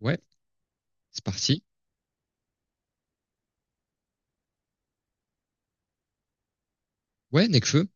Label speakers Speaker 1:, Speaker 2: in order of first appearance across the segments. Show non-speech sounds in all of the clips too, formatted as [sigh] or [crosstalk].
Speaker 1: Ouais, c'est parti. Ouais, Nekfeu,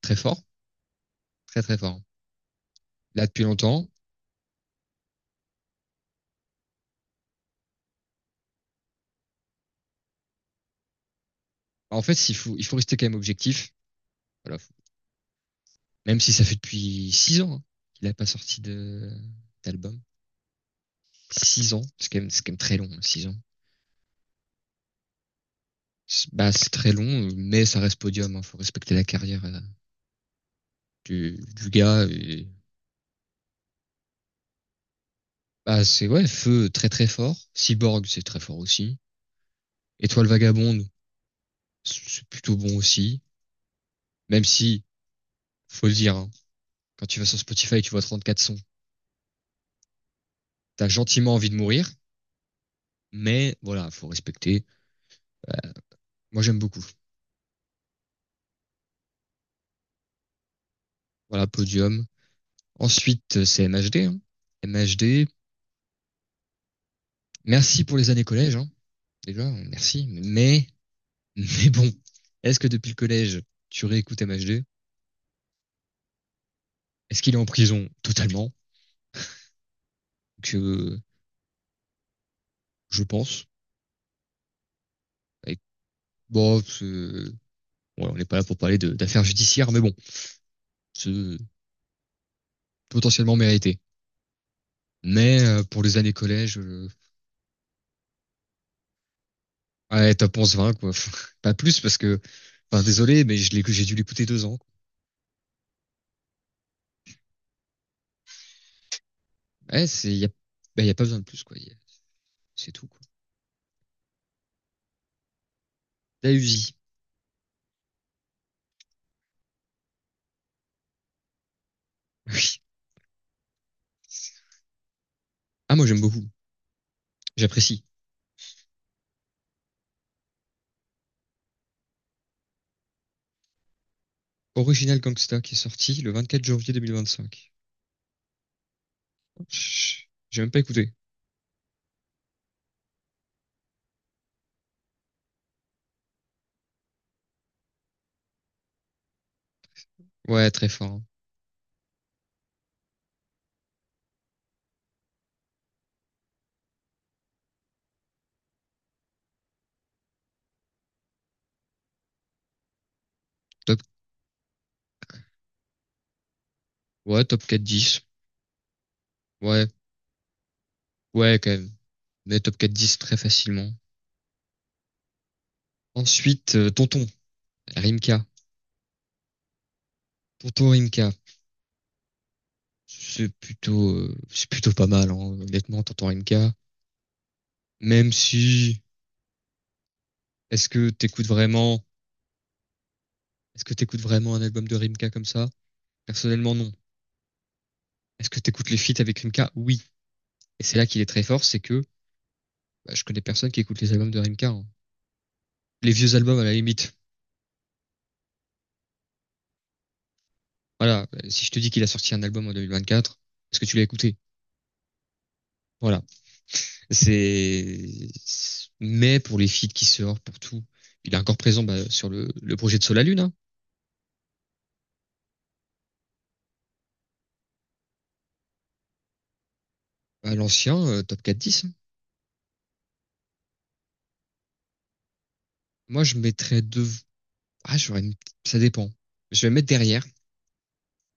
Speaker 1: très fort, très très fort. Là depuis longtemps. En fait, il faut rester quand même objectif. Voilà. Faut- Même si ça fait depuis 6 ans, hein, qu'il n'a pas sorti de d'album. 6 ans, c'est quand même très long, hein, 6 ans. C'est- Bah, c'est très long, mais ça reste podium. Hein. Faut respecter la carrière du gars. Et... Bah, c'est ouais, Feu très très fort. Cyborg, c'est très fort aussi. Étoile vagabonde, c'est plutôt bon aussi. Même si, faut le dire, hein, quand tu vas sur Spotify, tu vois 34 sons. T'as gentiment envie de mourir, mais voilà, faut respecter. Euh, Moi, j'aime beaucoup. Voilà, podium. Ensuite, c'est MHD, hein. MHD, merci pour les années collège, hein. Déjà, merci. Mais bon, est-ce que depuis le collège, tu réécoutes MHD? Est-ce qu'il est en prison? Totalement. Que je pense. Et, bon, c'est- ouais, on n'est pas là pour parler de- d'affaires judiciaires, mais bon, c'est potentiellement mérité. Mais pour les années collège, ouais, top 11-20, quoi. [laughs] Pas plus, parce que, enfin, désolé, mais j'ai dû l'écouter 2 ans, quoi. Ouais, c'est, y a, bah, y a pas besoin de plus, quoi. Y a- C'est tout, quoi. La Uzi. [laughs] Oui. Ah, moi, j'aime beaucoup. J'apprécie. Original Gangsta qui est sorti le 24 janvier 2025. Chut, j'ai même pas écouté. Ouais, très fort, hein. Top, ouais, top 4-10. Ouais, ouais, quand même. Mais top 4-10 très facilement. Ensuite, Tonton, Rimka. Tonton Rimka. C'est plutôt pas mal, hein, honnêtement, Tonton Rimka. Même si, Est-ce que t'écoutes vraiment, est-ce que t'écoutes vraiment un album de Rimka comme ça? Personnellement, non. Est-ce que t'écoutes les feats avec Rimka? Oui. Et c'est là qu'il est très fort, c'est que bah, je connais personne qui écoute les albums de Rimka, hein. Les vieux albums à la limite. Voilà. Si je te dis qu'il a sorti un album en 2024, est-ce que tu l'as écouté? Voilà. C'est, mais pour les feats qui sortent, pour tout, il est encore présent, bah, sur le projet de Sol Lune, hein. Bah, l'ancien Top 4-10, hein. Moi, je mettrais deux. Ah, j'aurais. Ça dépend. Je vais mettre derrière,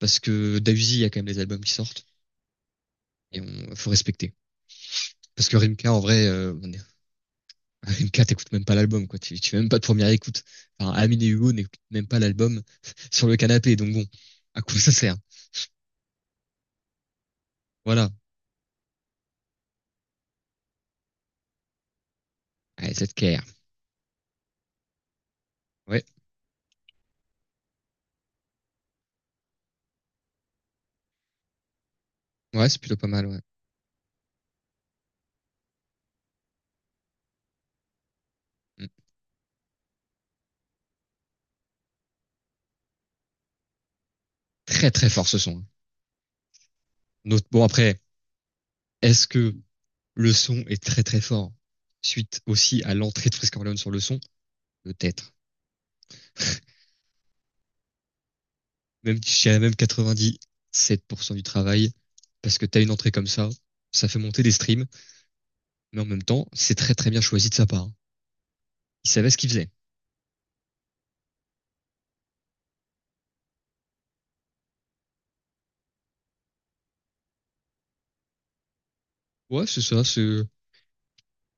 Speaker 1: parce que Dahuzi, il y a quand même des albums qui sortent et on faut respecter. Parce que Rimka, en vrai, [laughs] Rimka, t'écoutes même pas l'album, quoi. Tu fais même pas de première écoute. Enfin, Amine et Hugo n'écoutent même pas l'album [laughs] sur le canapé, donc bon, à quoi ça sert? Voilà. Allez, cette care. Ouais, ouais, c'est plutôt pas mal, ouais. Mm. Très très fort ce son, hein. Notre- Bon après, est-ce que le son est très très fort suite aussi à l'entrée de Frisk Orleans sur le son? Peut-être. Même, je dirais même 97% du travail, parce que t'as une entrée comme ça fait monter des streams, mais en même temps, c'est très très bien choisi de sa part. Il savait ce qu'il faisait. Ouais, c'est ça, c'est,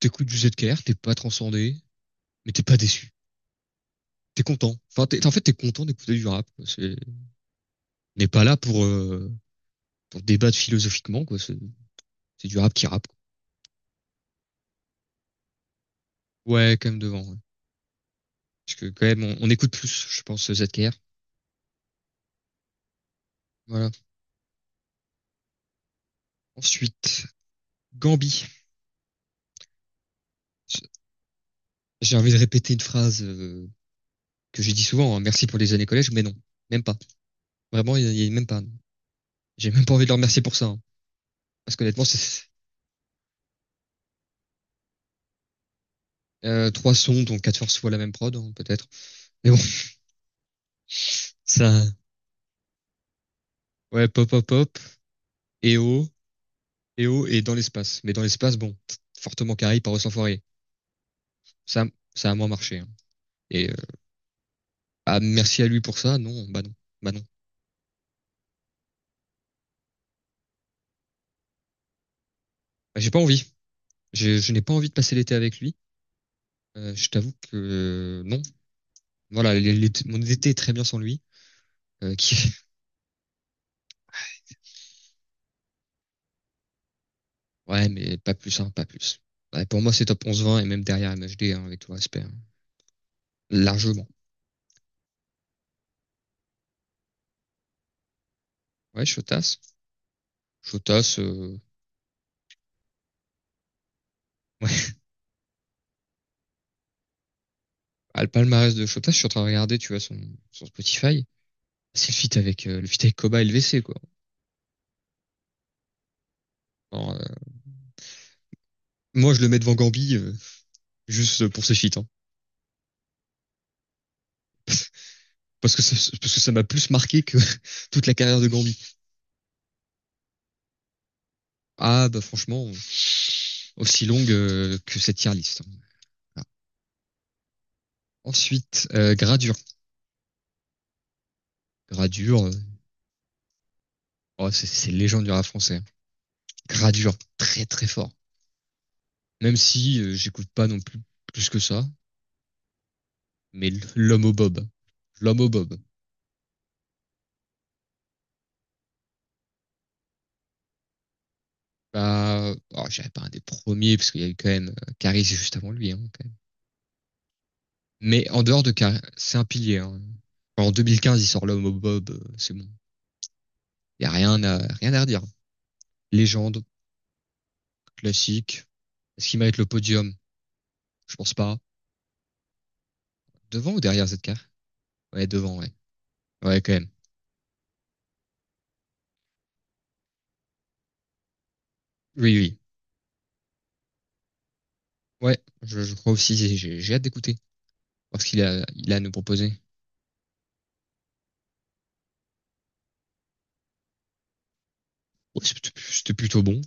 Speaker 1: t'écoutes du ZKR, t'es pas transcendé, mais t'es pas déçu. T'es content. Enfin, t'es, en fait, t'es content d'écouter du rap, quoi. C'est, on n'est pas là pour débattre philosophiquement, quoi. C'est du rap qui rappe, quoi. Ouais, quand même devant, ouais. Parce que quand même, on écoute plus, je pense, ZKR. Voilà. Ensuite, Gambi. J'ai envie de répéter une phrase que je dis souvent, hein, merci pour les années collège, mais non, même pas. Vraiment, il y a même pas. J'ai même pas envie de leur remercier pour ça, hein. Parce qu'honnêtement, c'est trois sons, dont quatre forces fois la même prod, hein, peut-être. Mais bon, [laughs] ça, ouais, pop, pop, pop, et oh, et oh, et dans l'espace. Mais dans l'espace, bon, fortement carré par sans Foirier. Ça, ça a moins marché, hein. Et ah, merci à lui pour ça, non, bah non, bah non. Bah, j'ai pas envie. Je n'ai pas envie de passer l'été avec lui. Je t'avoue que non. Voilà, l'été- mon été est très bien sans lui, qui ouais, mais pas plus, hein, pas plus. Ouais, pour moi, c'est top 11-20 et même derrière MHD, hein, avec tout respect, hein. Largement. Ouais, Chotas. Chotas, [laughs] ouais. Ah, le palmarès de Chotas, je suis en train de regarder, tu vois, son Spotify. C'est le feat avec Koba et le LVC, quoi. Alors, moi, je le mets devant Gambi, juste pour ses feats, hein. Parce que ça, parce que ça m'a plus marqué que [laughs] toute la carrière de Gambi. Ah, bah, franchement, aussi longue, que cette tier list, hein. Voilà. Ensuite, Gradure. Gradure, oh, c'est une légende du rap français, hein. Gradure très très fort. Même si j'écoute pas non plus plus que ça, mais l'homme au bob, l'homme au bob. Bah, oh, j'avais pas un des premiers parce qu'il y a eu quand même Caris juste avant lui, hein, quand même. Mais en dehors de Caris, c'est un pilier, hein. En 2015, il sort l'homme au bob, c'est bon. Y a rien à rien à redire. Légende classique. Est-ce qu'il mérite le podium? Je pense pas. Devant ou derrière ZK? Ouais, devant, ouais. Ouais, quand même. Oui, oui. Ouais, je crois aussi. J'ai hâte d'écouter parce qu'il a à nous proposer. Ouais, c'était plutôt bon.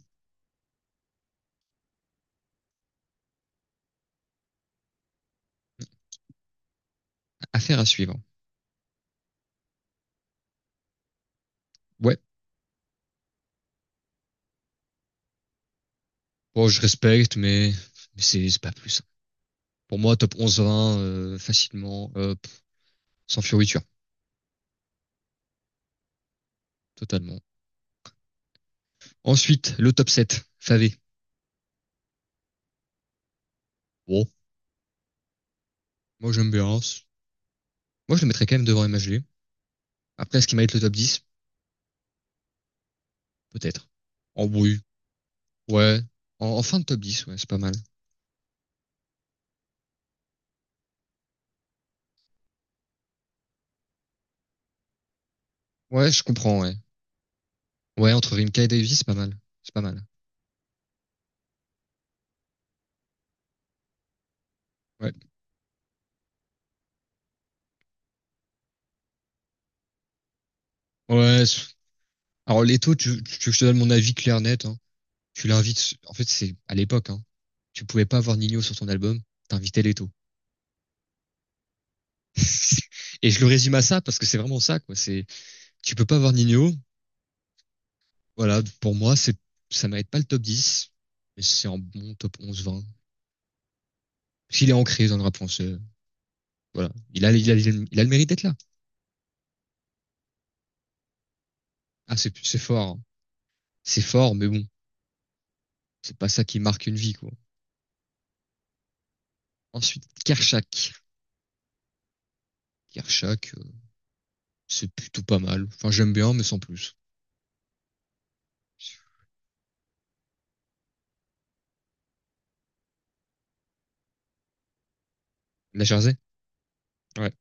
Speaker 1: Affaire à suivre. Ouais, bon, je respecte, mais c'est pas plus. Pour moi, top 11-20 facilement, pff, sans fioriture, totalement. Ensuite, le top sept Favé. Bon, moi j'aime bien. C'est- Moi je le mettrais quand même devant MHG. Après, est-ce qu'il mérite le top dix? Peut-être. En bruit, ouais. En fin de top 10, ouais, c'est pas mal. Ouais, je comprends, ouais. Ouais, entre Rimka et Davy, c'est pas mal. C'est pas mal. Ouais. Ouais, c'est- alors les taux, tu veux que je te donne mon avis clair net, hein. Tu l'invites. En fait, c'est à l'époque, hein, tu pouvais pas avoir Nino sur ton album, t'invitais Leto. [laughs] Et je le résume à ça parce que c'est vraiment ça, quoi. C'est, tu peux pas avoir Nino. Voilà, pour moi, c'est, ça mérite pas le top 10, mais c'est un bon top 11-20. S'il est ancré dans le rap français, voilà. Il a le mérite d'être là. Ah, c'est fort, hein. C'est fort, mais bon, c'est pas ça qui marque une vie, quoi. Ensuite, Kershak. Kershak, c'est plutôt pas mal. Enfin, j'aime bien, mais sans plus. La Jersey? Ouais.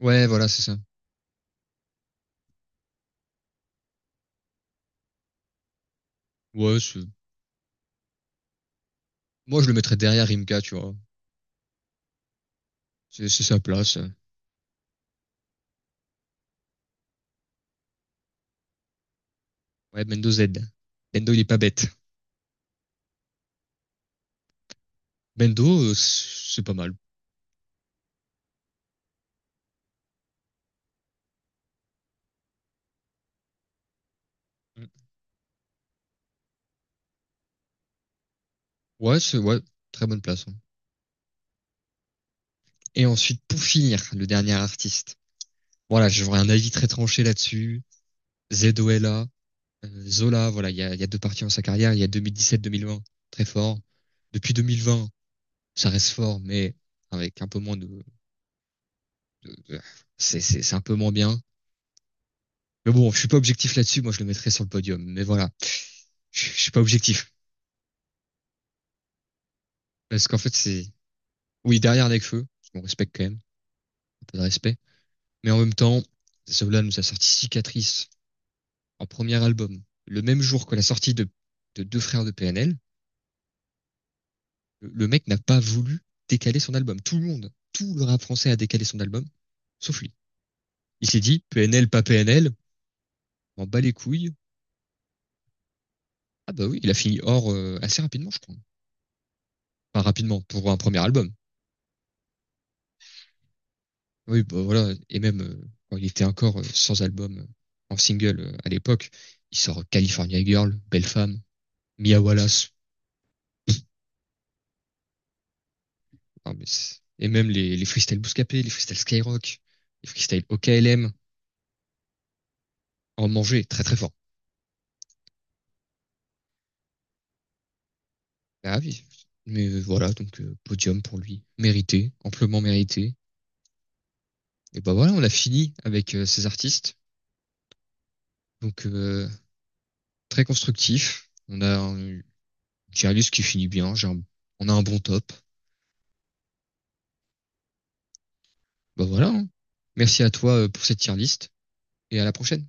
Speaker 1: Ouais, voilà, c'est ça. Ouais, c'est moi, je le mettrais derrière Rimka, tu vois. C'est sa place. Ouais, Bendo Z. Bendo, il est pas bête. Bendo, c'est pas mal. Ouais, c'est, ouais, très bonne place, hein. Et ensuite, pour finir, le dernier artiste. Voilà, j'aurais un avis très tranché là-dessus. ZOLA, Zola, voilà, il y a deux parties dans sa carrière. Il y a 2017-2020, très fort. Depuis 2020, ça reste fort, mais avec un peu moins de- c'est un peu moins bien. Mais bon, je suis pas objectif là-dessus. Moi, je le mettrais sur le podium. Mais voilà, je suis pas objectif. Parce qu'en fait, c'est, oui, derrière Nekfeu, on respecte quand même, un peu de respect. Mais en même temps, Zola nous a sorti Cicatrice en premier album, le même jour que la sortie de Deux Frères de PNL. Le mec n'a pas voulu décaler son album. Tout le monde, tout le rap français a décalé son album, sauf lui. Il s'est dit, PNL, pas PNL, on bat les couilles. Ah bah oui, il a fini hors assez rapidement, je crois. Enfin, rapidement, pour un premier album. Oui, bah, voilà. Et même quand il était encore sans album en single à l'époque, il sort California Girl, Belle Femme, Mia Wallace. Ah, mais c'est- et même les freestyles Bouscapé, les freestyles Skyrock, les freestyles OKLM, en manger très très fort. Ah oui. Mais voilà, donc podium pour lui, mérité, amplement mérité. Et bah voilà, on a fini avec ces artistes. Donc très constructif. On a un- j'ai un liste qui finit bien, j'ai un- on a un bon top. Bah voilà, hein. Merci à toi pour cette tier list et à la prochaine.